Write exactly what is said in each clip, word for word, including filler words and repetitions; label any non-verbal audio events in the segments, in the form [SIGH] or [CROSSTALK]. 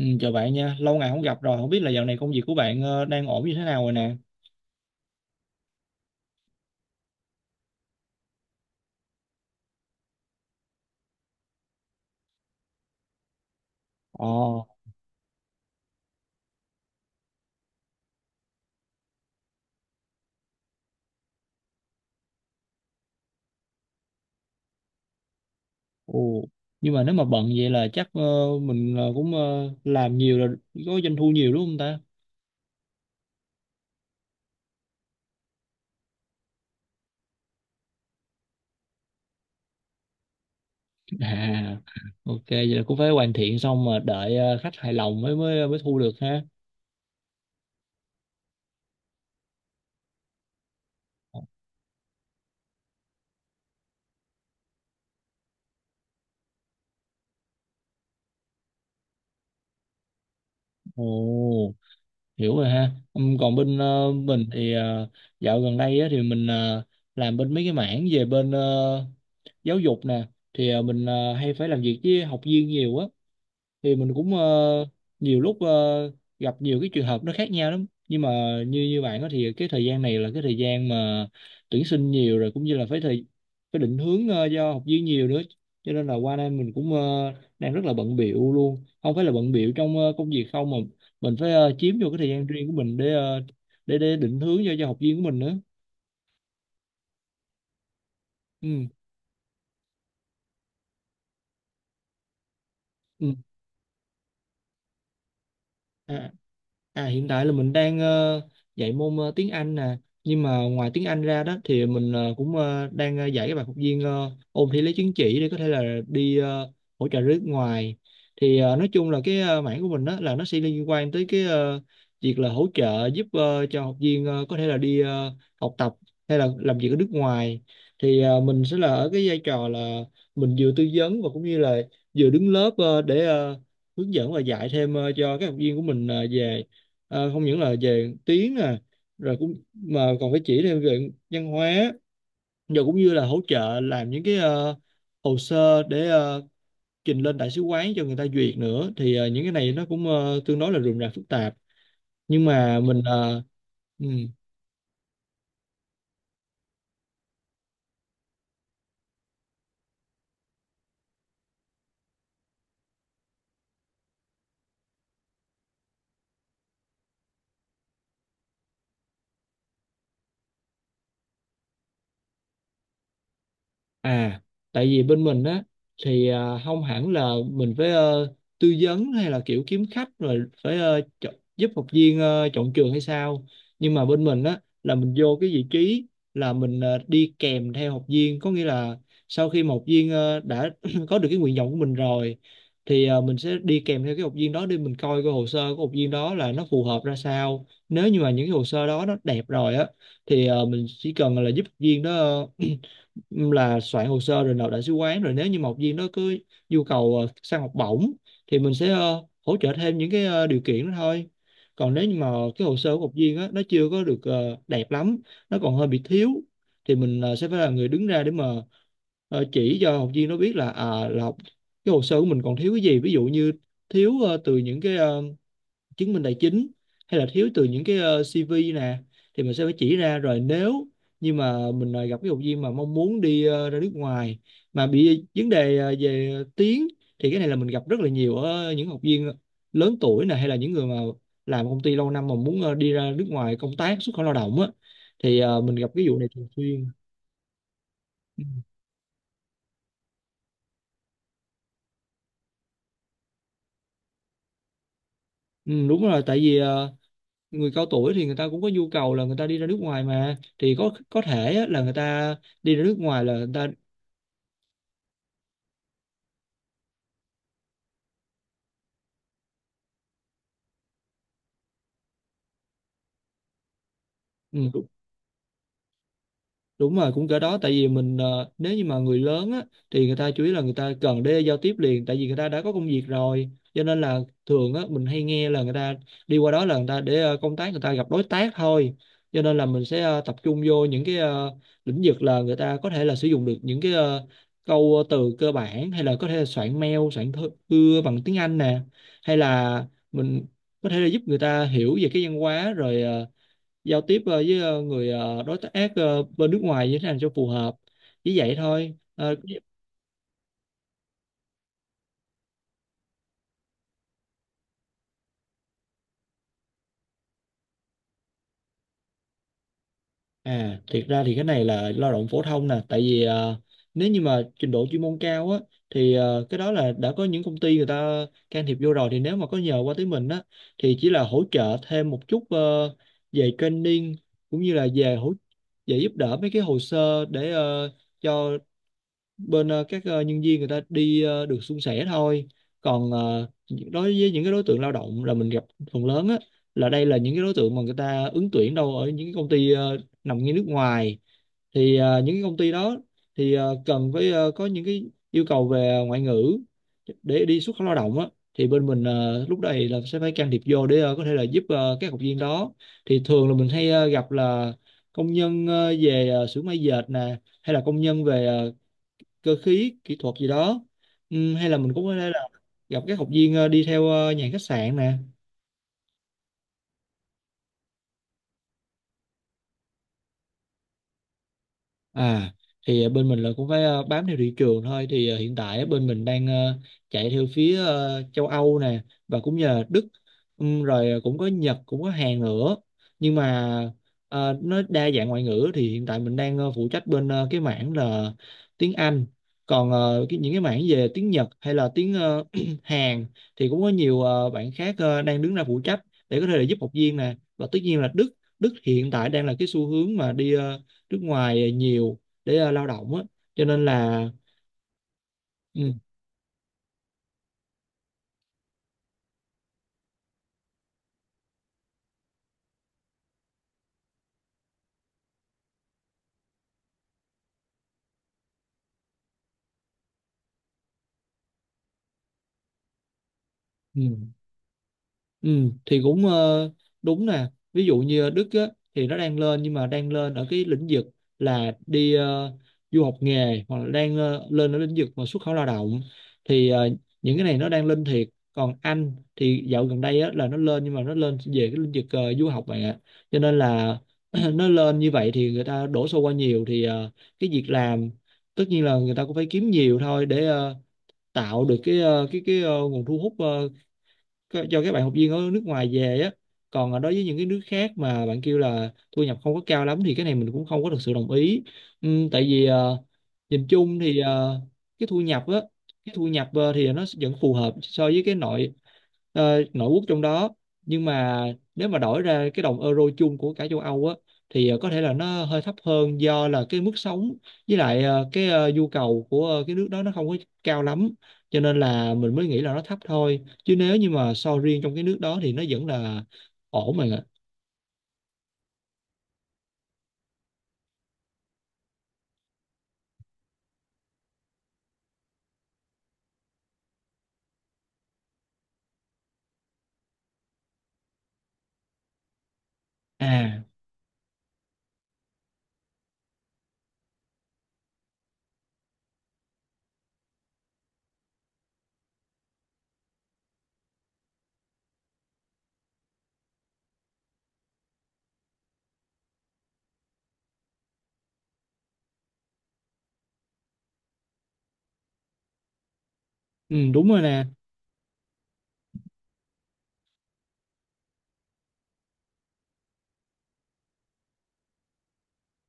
Ừ, chào bạn nha, lâu ngày không gặp rồi, không biết là dạo này công việc của bạn ờ, đang ổn như thế nào rồi nè. Ồ, ồ, nhưng mà nếu mà bận vậy là chắc ờ, mình ờ, cũng ờ, làm nhiều là có doanh thu nhiều đúng không ta? À, [LAUGHS] ok, vậy là cũng phải hoàn thiện xong mà đợi ờ, khách hài lòng mới mới mới thu được ha. Ồ, hiểu rồi ha. Ừm, còn bên ờ, mình thì ờ, dạo gần đây á, thì mình ờ, làm bên mấy cái mảng về bên ờ, giáo dục nè. Thì ờ, mình ờ, hay phải làm việc với học viên nhiều á. Thì mình cũng ờ, nhiều lúc ờ, gặp nhiều cái trường hợp nó khác nhau lắm, nhưng mà như như bạn đó thì cái thời gian này là cái thời gian mà tuyển sinh nhiều, rồi cũng như là phải thời phải định hướng ờ, cho học viên nhiều nữa, cho nên là qua đây mình cũng ờ, đang rất là bận bịu luôn, không phải là bận bịu trong ờ, công việc không, mà mình phải ờ, chiếm vô cái thời gian riêng của mình để ờ, để để định hướng cho cho học viên của mình nữa. Ừ. Ừ. À, à hiện tại là mình đang ờ, dạy môn ờ, tiếng Anh nè, nhưng mà ngoài tiếng Anh ra đó thì mình ờ, cũng ờ, đang ờ, dạy các bạn học viên ờ, ôn thi lấy chứng chỉ để có thể là đi ờ, hỗ trợ nước ngoài. Thì ờ, nói chung là cái ờ, mảng của mình đó là nó sẽ liên quan tới cái ờ, việc là hỗ trợ giúp ờ, cho học viên ờ, có thể là đi ờ, học tập hay là làm việc ở nước ngoài. Thì ờ, mình sẽ là ở cái vai trò là mình vừa tư vấn và cũng như là vừa đứng lớp ờ, để ờ, hướng dẫn và dạy thêm ờ, cho các học viên của mình ờ, về ờ, không những là về tiếng nè, rồi cũng mà còn phải chỉ thêm về văn hóa, rồi cũng như là hỗ trợ làm những cái ờ, hồ sơ để ờ, trình lên đại sứ quán cho người ta duyệt nữa, thì ờ, những cái này nó cũng ờ, tương đối là rườm rà phức tạp, nhưng mà mình uh, À, tại vì bên mình á thì à, không hẳn là mình phải ờ, tư vấn hay là kiểu kiếm khách, rồi phải ờ, chọn, giúp học viên ờ, chọn trường hay sao. Nhưng mà bên mình á là mình vô cái vị trí là mình ờ, đi kèm theo học viên, có nghĩa là sau khi mà học viên ờ, đã [CLEARS THROAT] có được cái nguyện vọng của mình rồi, thì ờ, mình sẽ đi kèm theo cái học viên đó để mình coi cái hồ sơ của học viên đó là nó phù hợp ra sao. Nếu như mà những cái hồ sơ đó nó đẹp rồi á, thì ờ, mình chỉ cần là giúp học viên đó ờ, [CLEARS THROAT] là soạn hồ sơ rồi nộp đại sứ quán, rồi nếu như mà học viên đó cứ nhu cầu ờ, sang học bổng thì mình sẽ ờ, hỗ trợ thêm những cái ờ, điều kiện đó thôi. Còn nếu như mà cái hồ sơ của học viên á nó chưa có được ờ, đẹp lắm, nó còn hơi bị thiếu, thì mình ờ, sẽ phải là người đứng ra để mà ờ, chỉ cho học viên nó biết là à là học- cái hồ sơ của mình còn thiếu cái gì, ví dụ như thiếu ờ, từ những cái ờ, chứng minh tài chính, hay là thiếu từ những cái ờ, xê vê nè, thì mình sẽ phải chỉ ra. Rồi nếu như mà mình ờ, gặp cái học viên mà mong muốn đi ờ, ra nước ngoài mà bị vấn đề ờ, về tiếng, thì cái này là mình gặp rất là nhiều ở những học viên lớn tuổi nè, hay là những người mà làm công ty lâu năm mà muốn ờ, đi ra nước ngoài công tác xuất khẩu lao động á, thì ờ, mình gặp cái vụ này thường xuyên. Ừ. Ừ, đúng rồi, tại vì ờ, người cao tuổi thì người ta cũng có nhu cầu là người ta đi ra nước ngoài mà, thì có có thể á, là người ta đi ra nước ngoài là người ta. Ừ, đúng rồi, cũng cỡ đó, tại vì mình ờ, nếu như mà người lớn á, thì người ta chủ yếu là người ta cần để giao tiếp liền, tại vì người ta đã có công việc rồi, cho nên là thường á mình hay nghe là người ta đi qua đó là người ta để ờ, công tác, người ta gặp đối tác thôi, cho nên là mình sẽ ờ, tập trung vô những cái ờ, lĩnh vực là người ta có thể là sử dụng được những cái ờ, câu từ cơ bản, hay là có thể là soạn mail, soạn thư thư bằng tiếng Anh nè, hay là mình có thể là giúp người ta hiểu về cái văn hóa, rồi ờ, giao tiếp ờ, với ờ, người ờ, đối tác ờ, bên nước ngoài như thế nào cho phù hợp, chỉ vậy thôi. Ờ, À, thiệt ra thì cái này là lao động phổ thông nè, tại vì ờ, nếu như mà trình độ chuyên môn cao á, thì ờ, cái đó là đã có những công ty người ta can thiệp vô rồi, thì nếu mà có nhờ qua tới mình á thì chỉ là hỗ trợ thêm một chút ờ, về training, cũng như là về hỗ về giúp đỡ mấy cái hồ sơ để ờ, cho bên ờ, các ờ, nhân viên người ta đi ờ, được suôn sẻ thôi. Còn ờ, những- đối với những cái đối tượng lao động là mình gặp phần lớn á, là đây là những cái đối tượng mà người ta ứng tuyển đâu ở những cái công ty ờ, nằm ngay nước ngoài, thì ờ, những cái công ty đó thì ờ, cần phải ờ, có những cái yêu cầu về ngoại ngữ để đi xuất khẩu lao động á, thì bên mình ờ, lúc này là sẽ phải can thiệp vô để ờ, có thể là giúp ờ, các học viên đó. Thì thường là mình hay ờ, gặp là công nhân ờ, về ờ, xưởng may dệt nè, hay là công nhân về ờ, cơ khí kỹ thuật gì đó. Ừm, hay là mình cũng có thể là gặp các học viên ờ, đi theo ờ, nhà hàng khách sạn nè. À thì à, bên mình là cũng phải ờ, bám theo thị trường thôi, thì ờ, hiện tại bên mình đang ờ, chạy theo phía ờ, châu Âu nè, và cũng như là Đức. Ừm, rồi à, cũng có Nhật, cũng có Hàn nữa, nhưng mà ờ, nó đa dạng ngoại ngữ, thì hiện tại mình đang ờ, phụ trách bên ờ, cái mảng là tiếng Anh, còn ờ, cái, những cái mảng về tiếng Nhật hay là tiếng ờ, [CLEARS THROAT] Hàn thì cũng có nhiều ờ, bạn khác ờ, đang đứng ra phụ trách để có thể là giúp học viên nè, và tất nhiên là Đức. Đức hiện tại đang là cái xu hướng mà đi à, nước ngoài nhiều để ờ, lao động á, cho nên là. Ừ, ừ, ừ, thì cũng ờ, đúng nè, ví dụ như ở Đức á, thì nó đang lên, nhưng mà đang lên ở cái lĩnh vực là đi ờ, du học nghề, hoặc là đang ờ, lên ở lĩnh vực mà xuất khẩu lao động, thì ờ, những cái này nó đang lên thiệt. Còn Anh thì dạo gần đây á, là nó lên, nhưng mà nó lên về cái lĩnh vực ờ, du học bạn ạ, cho nên là [CLEARS THROAT] nó lên như vậy thì người ta đổ xô qua nhiều, thì ờ, cái việc làm tất nhiên là người ta cũng phải kiếm nhiều thôi để ờ, tạo được cái ờ, cái cái ờ, nguồn thu hút ờ, cái- cho các bạn học viên ở nước ngoài về á. Còn đối với những cái nước khác mà bạn kêu là thu nhập không có cao lắm, thì cái này mình cũng không có thực sự đồng ý. Ừm, tại vì ờ, nhìn chung thì ờ, cái thu nhập á cái thu nhập ờ, thì nó vẫn phù hợp so với cái nội ờ, nội quốc trong đó, nhưng mà nếu mà đổi ra cái đồng euro chung của cả châu Âu á, thì ờ, có thể là nó hơi thấp hơn do là cái mức sống, với lại ờ, cái ờ, nhu cầu của ờ, cái nước đó nó không có cao lắm, cho nên là mình mới nghĩ là nó thấp thôi, chứ nếu như mà so riêng trong cái nước đó thì nó vẫn là ổn mà. À. Ừ, đúng rồi nè.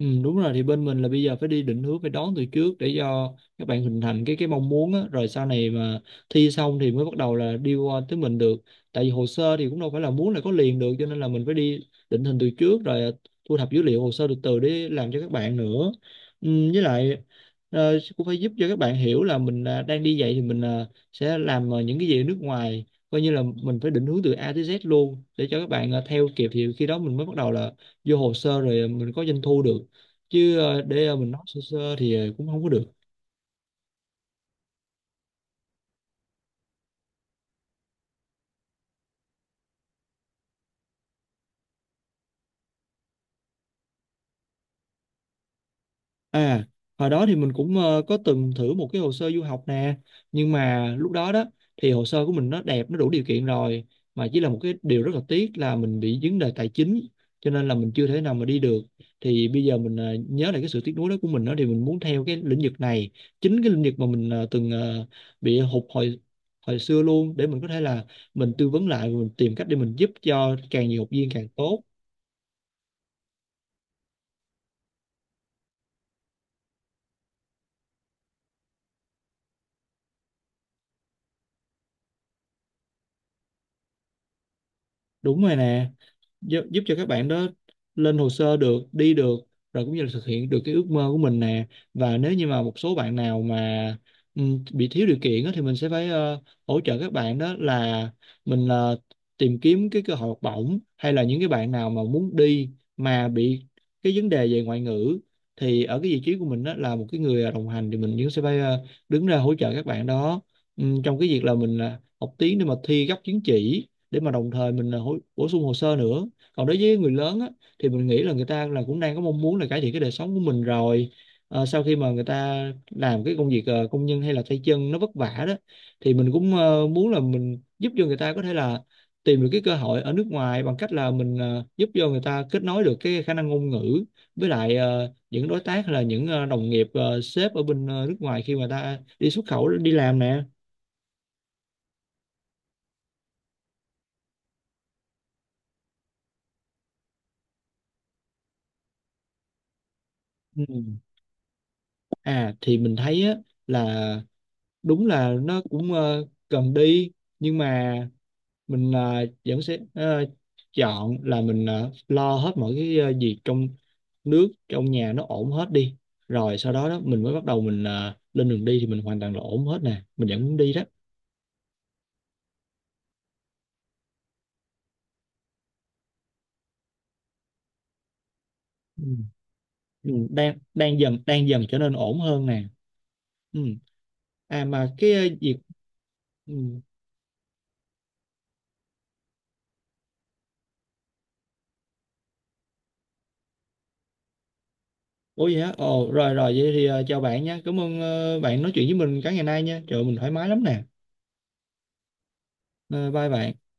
Ừ, đúng rồi, thì bên mình là bây giờ phải đi định hướng, phải đón từ trước để cho các bạn hình thành cái cái mong muốn á, rồi sau này mà thi xong thì mới bắt đầu là đi qua tới mình được. Tại vì hồ sơ thì cũng đâu phải là muốn là có liền được, cho nên là mình phải đi định hình từ trước rồi, à, thu thập dữ liệu hồ sơ từ từ để làm cho các bạn nữa. Ừ, với lại ờ, cũng phải giúp cho các bạn hiểu là mình, à, đang đi dạy thì mình, à, sẽ làm, à, những cái gì ở nước ngoài. Coi như là mình phải định hướng từ A tới dét luôn để cho các bạn, à, theo kịp, thì khi đó mình mới bắt đầu là vô hồ sơ rồi mình có doanh thu được. Chứ ờ, để ờ, mình nói sơ sơ thì ờ, cũng không có được. À, hồi đó thì mình cũng ờ, có từng thử một cái hồ sơ du học nè. Nhưng mà lúc đó đó thì hồ sơ của mình nó đẹp, nó đủ điều kiện rồi, mà chỉ là một cái điều rất là tiếc là mình bị vấn đề tài chính, cho nên là mình chưa thể nào mà đi được. Thì bây giờ mình ờ, nhớ lại cái sự tiếc nuối đó của mình đó, thì mình muốn theo cái lĩnh vực này, chính cái lĩnh vực mà mình ờ, từng ờ, bị hụt hồi hồi xưa luôn, để mình có thể là mình tư vấn lại, mình tìm cách để mình giúp cho càng nhiều học viên càng tốt. Đúng rồi nè. Giúp, giúp cho các bạn đó lên hồ sơ được, đi được, rồi cũng như là thực hiện được cái ước mơ của mình nè. Và nếu như mà một số bạn nào mà ừm, bị thiếu điều kiện á, thì mình sẽ phải ờ, hỗ trợ các bạn đó là mình ờ, tìm kiếm cái cơ hội học bổng, hay là những cái bạn nào mà muốn đi mà bị cái vấn đề về ngoại ngữ, thì ở cái vị trí của mình đó là một cái người, à, đồng hành, thì mình cũng sẽ phải ờ, đứng ra hỗ trợ các bạn đó Ừm, trong cái việc là mình ờ, học tiếng để mà thi gấp chứng chỉ, để mà đồng thời mình ờ, hỗ- bổ sung hồ sơ nữa. Còn đối với người lớn á, thì mình nghĩ là người ta là cũng đang có mong muốn là cải thiện cái đời sống của mình rồi. Ờ, sau khi mà người ta làm cái công việc ờ, công nhân hay là tay chân nó vất vả đó, thì mình cũng ờ, muốn là mình giúp cho người ta có thể là tìm được cái cơ hội ở nước ngoài, bằng cách là mình ờ, giúp cho người ta kết nối được cái khả năng ngôn ngữ với lại ờ, những đối tác hay là những ờ, đồng nghiệp, ờ, sếp ở bên ờ, nước ngoài khi mà ta đi xuất khẩu đi làm nè. Ừ. À thì mình thấy á là đúng là nó cũng ờ, cần đi, nhưng mà mình ờ, vẫn sẽ ờ, chọn là mình ờ, lo hết mọi cái ờ, việc trong nước, trong nhà nó ổn hết đi, rồi sau đó đó mình mới bắt đầu mình ờ, lên đường đi, thì mình hoàn toàn là ổn hết nè, mình vẫn muốn đi đó. Ừ. Ừ, đang đang dần đang dần trở nên ổn hơn nè. Ừ. À mà cái ờ, việc. Ừ. Ủa vậy hả? Ồ, rồi rồi vậy thì ờ, chào bạn nha. Cảm ơn ờ, bạn nói chuyện với mình cả ngày nay nha. Trời ơi, mình thoải mái lắm nè. Ờ, bye bạn.